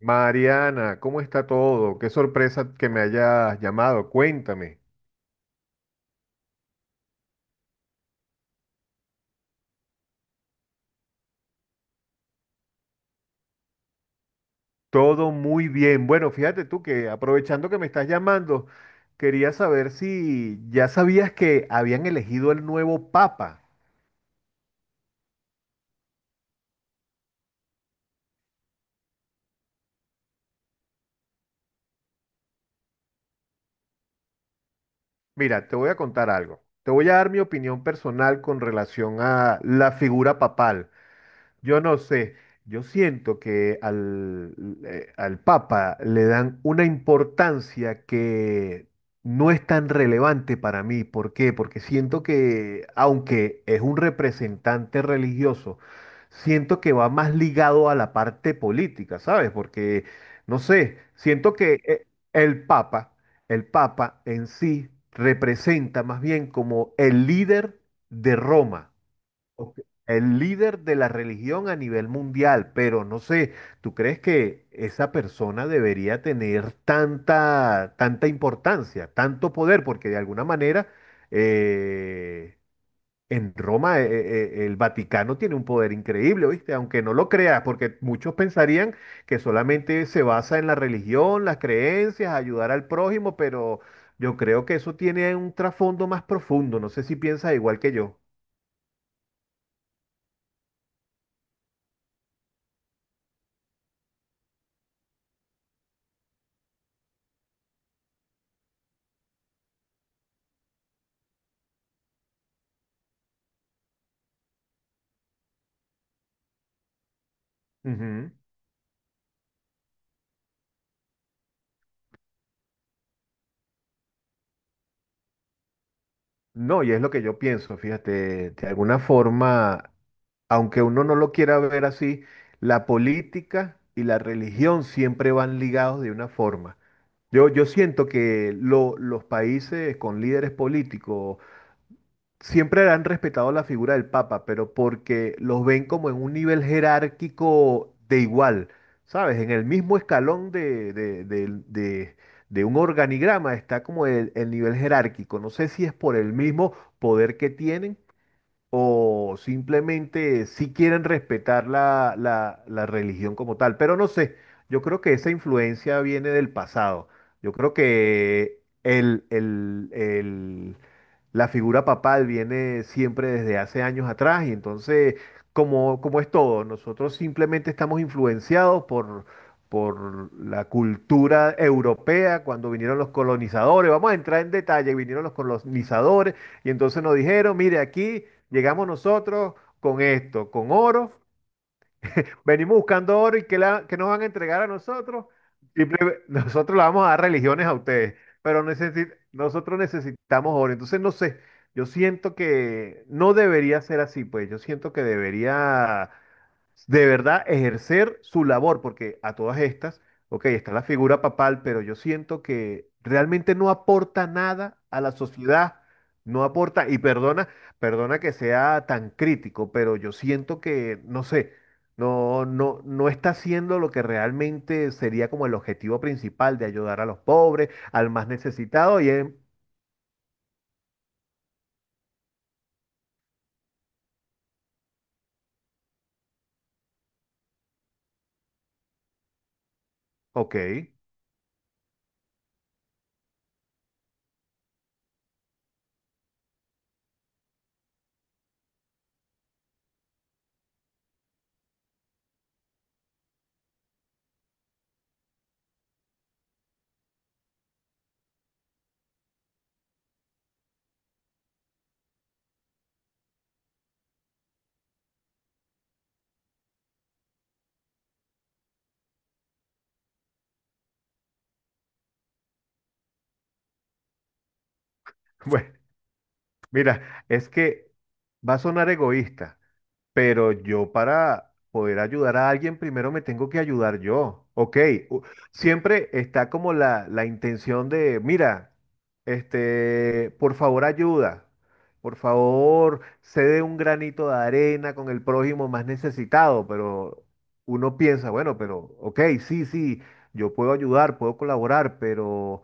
Mariana, ¿cómo está todo? Qué sorpresa que me hayas llamado. Cuéntame. Todo muy bien. Bueno, fíjate tú que aprovechando que me estás llamando, quería saber si ya sabías que habían elegido el nuevo papa. Mira, te voy a contar algo. Te voy a dar mi opinión personal con relación a la figura papal. Yo no sé, yo siento que al Papa le dan una importancia que no es tan relevante para mí. ¿Por qué? Porque siento que, aunque es un representante religioso, siento que va más ligado a la parte política, ¿sabes? Porque, no sé, siento que el Papa, el Papa en sí representa más bien como el líder de Roma. Ok. El líder de la religión a nivel mundial, pero no sé, ¿tú crees que esa persona debería tener tanta, tanta importancia, tanto poder? Porque de alguna manera eh, en Roma, el Vaticano tiene un poder increíble, ¿viste? Aunque no lo creas, porque muchos pensarían que solamente se basa en la religión, las creencias, ayudar al prójimo, pero yo creo que eso tiene un trasfondo más profundo. No sé si piensas igual que yo. Ujú. No, y es lo que yo pienso, fíjate, de alguna forma, aunque uno no lo quiera ver así, la política y la religión siempre van ligados de una forma. Yo siento que los países con líderes políticos siempre han respetado la figura del Papa, pero porque los ven como en un nivel jerárquico de igual, ¿sabes? En el mismo escalón de un organigrama está como el nivel jerárquico. No sé si es por el mismo poder que tienen o simplemente si quieren respetar la religión como tal. Pero no sé, yo creo que esa influencia viene del pasado. Yo creo que la figura papal viene siempre desde hace años atrás y entonces, como es todo, nosotros simplemente estamos influenciados por la cultura europea. Cuando vinieron los colonizadores, vamos a entrar en detalle, vinieron los colonizadores y entonces nos dijeron, mire, aquí llegamos nosotros con esto, con oro. Venimos buscando oro y que, la, que nos van a entregar a nosotros. Nosotros le vamos a dar religiones a ustedes, pero nosotros necesitamos oro. Entonces, no sé, yo siento que no debería ser así, pues yo siento que debería de verdad ejercer su labor, porque a todas estas, ok, está la figura papal, pero yo siento que realmente no aporta nada a la sociedad, no aporta, y perdona, perdona que sea tan crítico, pero yo siento que, no sé. No, no, no está haciendo lo que realmente sería como el objetivo principal de ayudar a los pobres, al más necesitado y es, ok, bueno, mira, es que va a sonar egoísta. Pero yo para poder ayudar a alguien, primero me tengo que ayudar yo. Ok, u- siempre está como la intención de, mira, este, por favor ayuda, por favor cede un granito de arena con el prójimo más necesitado, pero uno piensa, bueno, pero ok, sí, sí, yo puedo ayudar, puedo colaborar, pero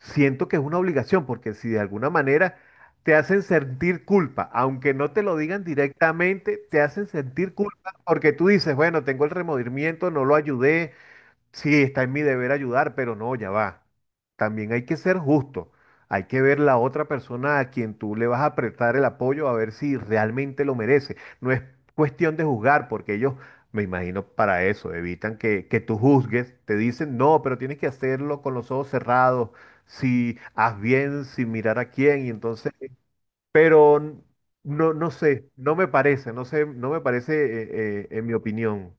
siento que es una obligación, porque si de alguna manera te hacen sentir culpa, aunque no te lo digan directamente, te hacen sentir culpa porque tú dices, bueno, tengo el remordimiento, no lo ayudé. Sí, está en mi deber ayudar, pero no, ya va. También hay que ser justo. Hay que ver la otra persona a quien tú le vas a apretar el apoyo a ver si realmente lo merece. No es cuestión de juzgar, porque ellos, me imagino, para eso, evitan que tú juzgues. Te dicen, no, pero tienes que hacerlo con los ojos cerrados, si haz bien, sin mirar a quién. Y entonces, pero no, no sé, no me parece, no sé, no me parece, en mi opinión.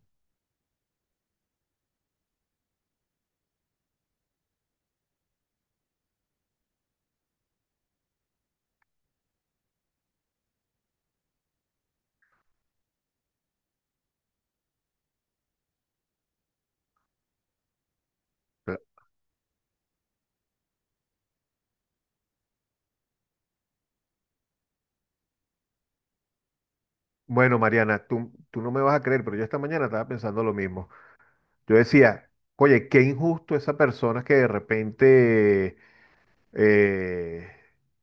Bueno, Mariana, tú no me vas a creer, pero yo esta mañana estaba pensando lo mismo. Yo decía, oye, qué injusto esa persona que de repente, eh,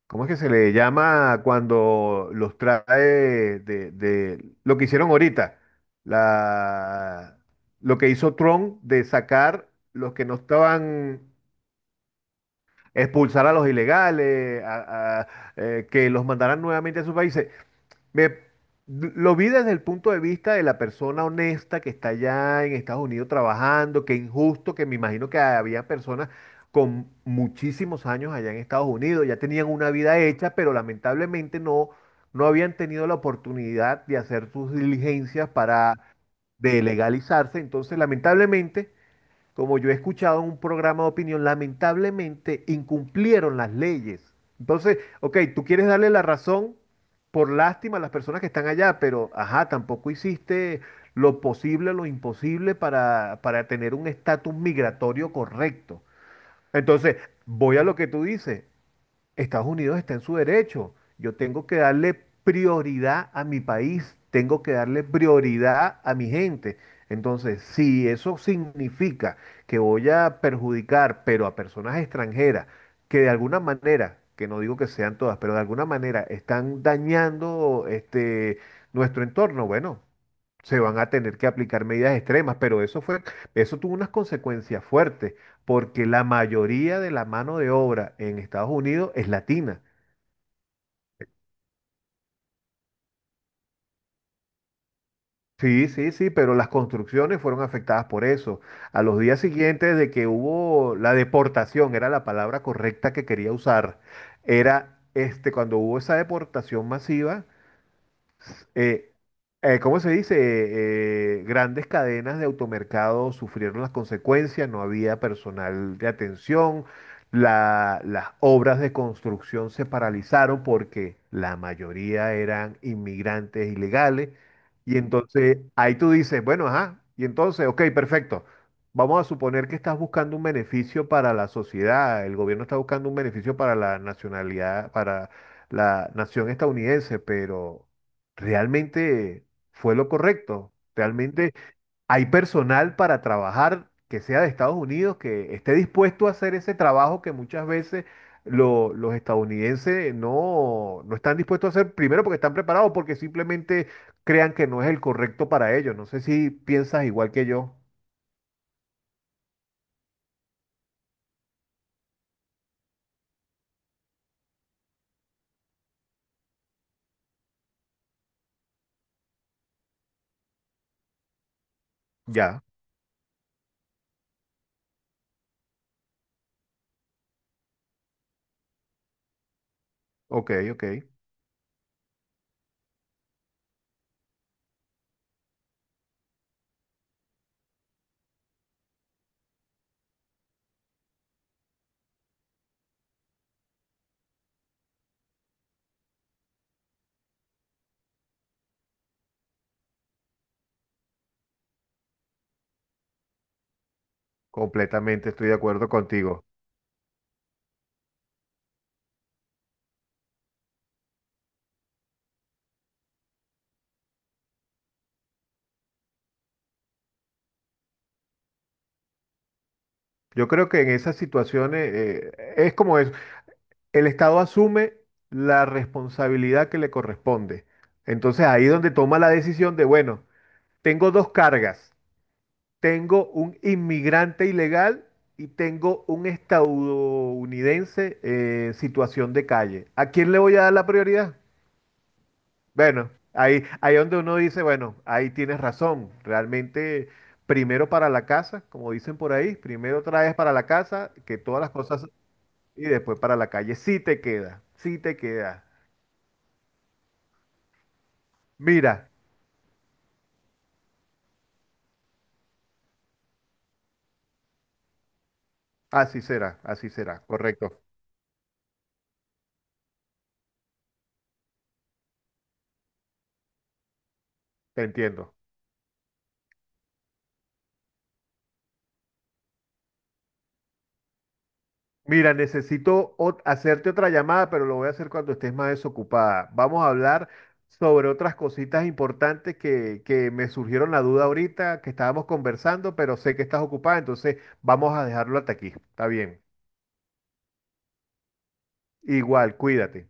¿cómo es que se le llama cuando los trae de lo que hicieron ahorita? La, lo que hizo Trump de sacar los que no estaban, expulsar a los ilegales, que los mandaran nuevamente a sus países. Me, lo vi desde el punto de vista de la persona honesta que está allá en Estados Unidos trabajando, que injusto, que me imagino que había personas con muchísimos años allá en Estados Unidos, ya tenían una vida hecha, pero lamentablemente no, no habían tenido la oportunidad de hacer sus diligencias para de legalizarse. Entonces lamentablemente, como yo he escuchado en un programa de opinión, lamentablemente incumplieron las leyes. Entonces, ok, tú quieres darle la razón por lástima a las personas que están allá, pero ajá, tampoco hiciste lo posible, lo imposible para tener un estatus migratorio correcto. Entonces, voy a lo que tú dices. Estados Unidos está en su derecho. Yo tengo que darle prioridad a mi país, tengo que darle prioridad a mi gente. Entonces, si eso significa que voy a perjudicar, pero a personas extranjeras, que de alguna manera, que no digo que sean todas, pero de alguna manera están dañando este, nuestro entorno, bueno, se van a tener que aplicar medidas extremas, pero eso fue, eso tuvo unas consecuencias fuertes, porque la mayoría de la mano de obra en Estados Unidos es latina. Sí, sí, sí, pero las construcciones fueron afectadas por eso. A los días siguientes de que hubo la deportación, era la palabra correcta que quería usar, era este, cuando hubo esa deportación masiva, Eh, ¿cómo se dice? Grandes cadenas de automercado sufrieron las consecuencias, no había personal de atención, las obras de construcción se paralizaron porque la mayoría eran inmigrantes ilegales. Y entonces ahí tú dices, bueno, ajá, y entonces, ok, perfecto. Vamos a suponer que estás buscando un beneficio para la sociedad, el gobierno está buscando un beneficio para la nacionalidad, para la nación estadounidense, pero realmente fue lo correcto. Realmente hay personal para trabajar que sea de Estados Unidos, que esté dispuesto a hacer ese trabajo que muchas veces los estadounidenses no, no están dispuestos a hacer, primero porque están preparados, porque simplemente crean que no es el correcto para ellos. No sé si piensas igual que yo. Ya, ok, ok, completamente estoy de acuerdo contigo. Yo creo que en esas situaciones es como es. El Estado asume la responsabilidad que le corresponde. Entonces ahí es donde toma la decisión de, bueno, tengo dos cargas, tengo un inmigrante ilegal y tengo un estadounidense en situación de calle. ¿A quién le voy a dar la prioridad? Bueno, ahí, ahí donde uno dice, bueno, ahí tienes razón, realmente... Primero para la casa, como dicen por ahí, primero traes para la casa, que todas las cosas, y después para la calle. Sí te queda, sí te queda. Mira, así será, correcto, te entiendo. Mira, necesito hacerte otra llamada, pero lo voy a hacer cuando estés más desocupada. Vamos a hablar sobre otras cositas importantes que me surgieron la duda ahorita, que estábamos conversando, pero sé que estás ocupada, entonces vamos a dejarlo hasta aquí. Está bien. Igual, cuídate.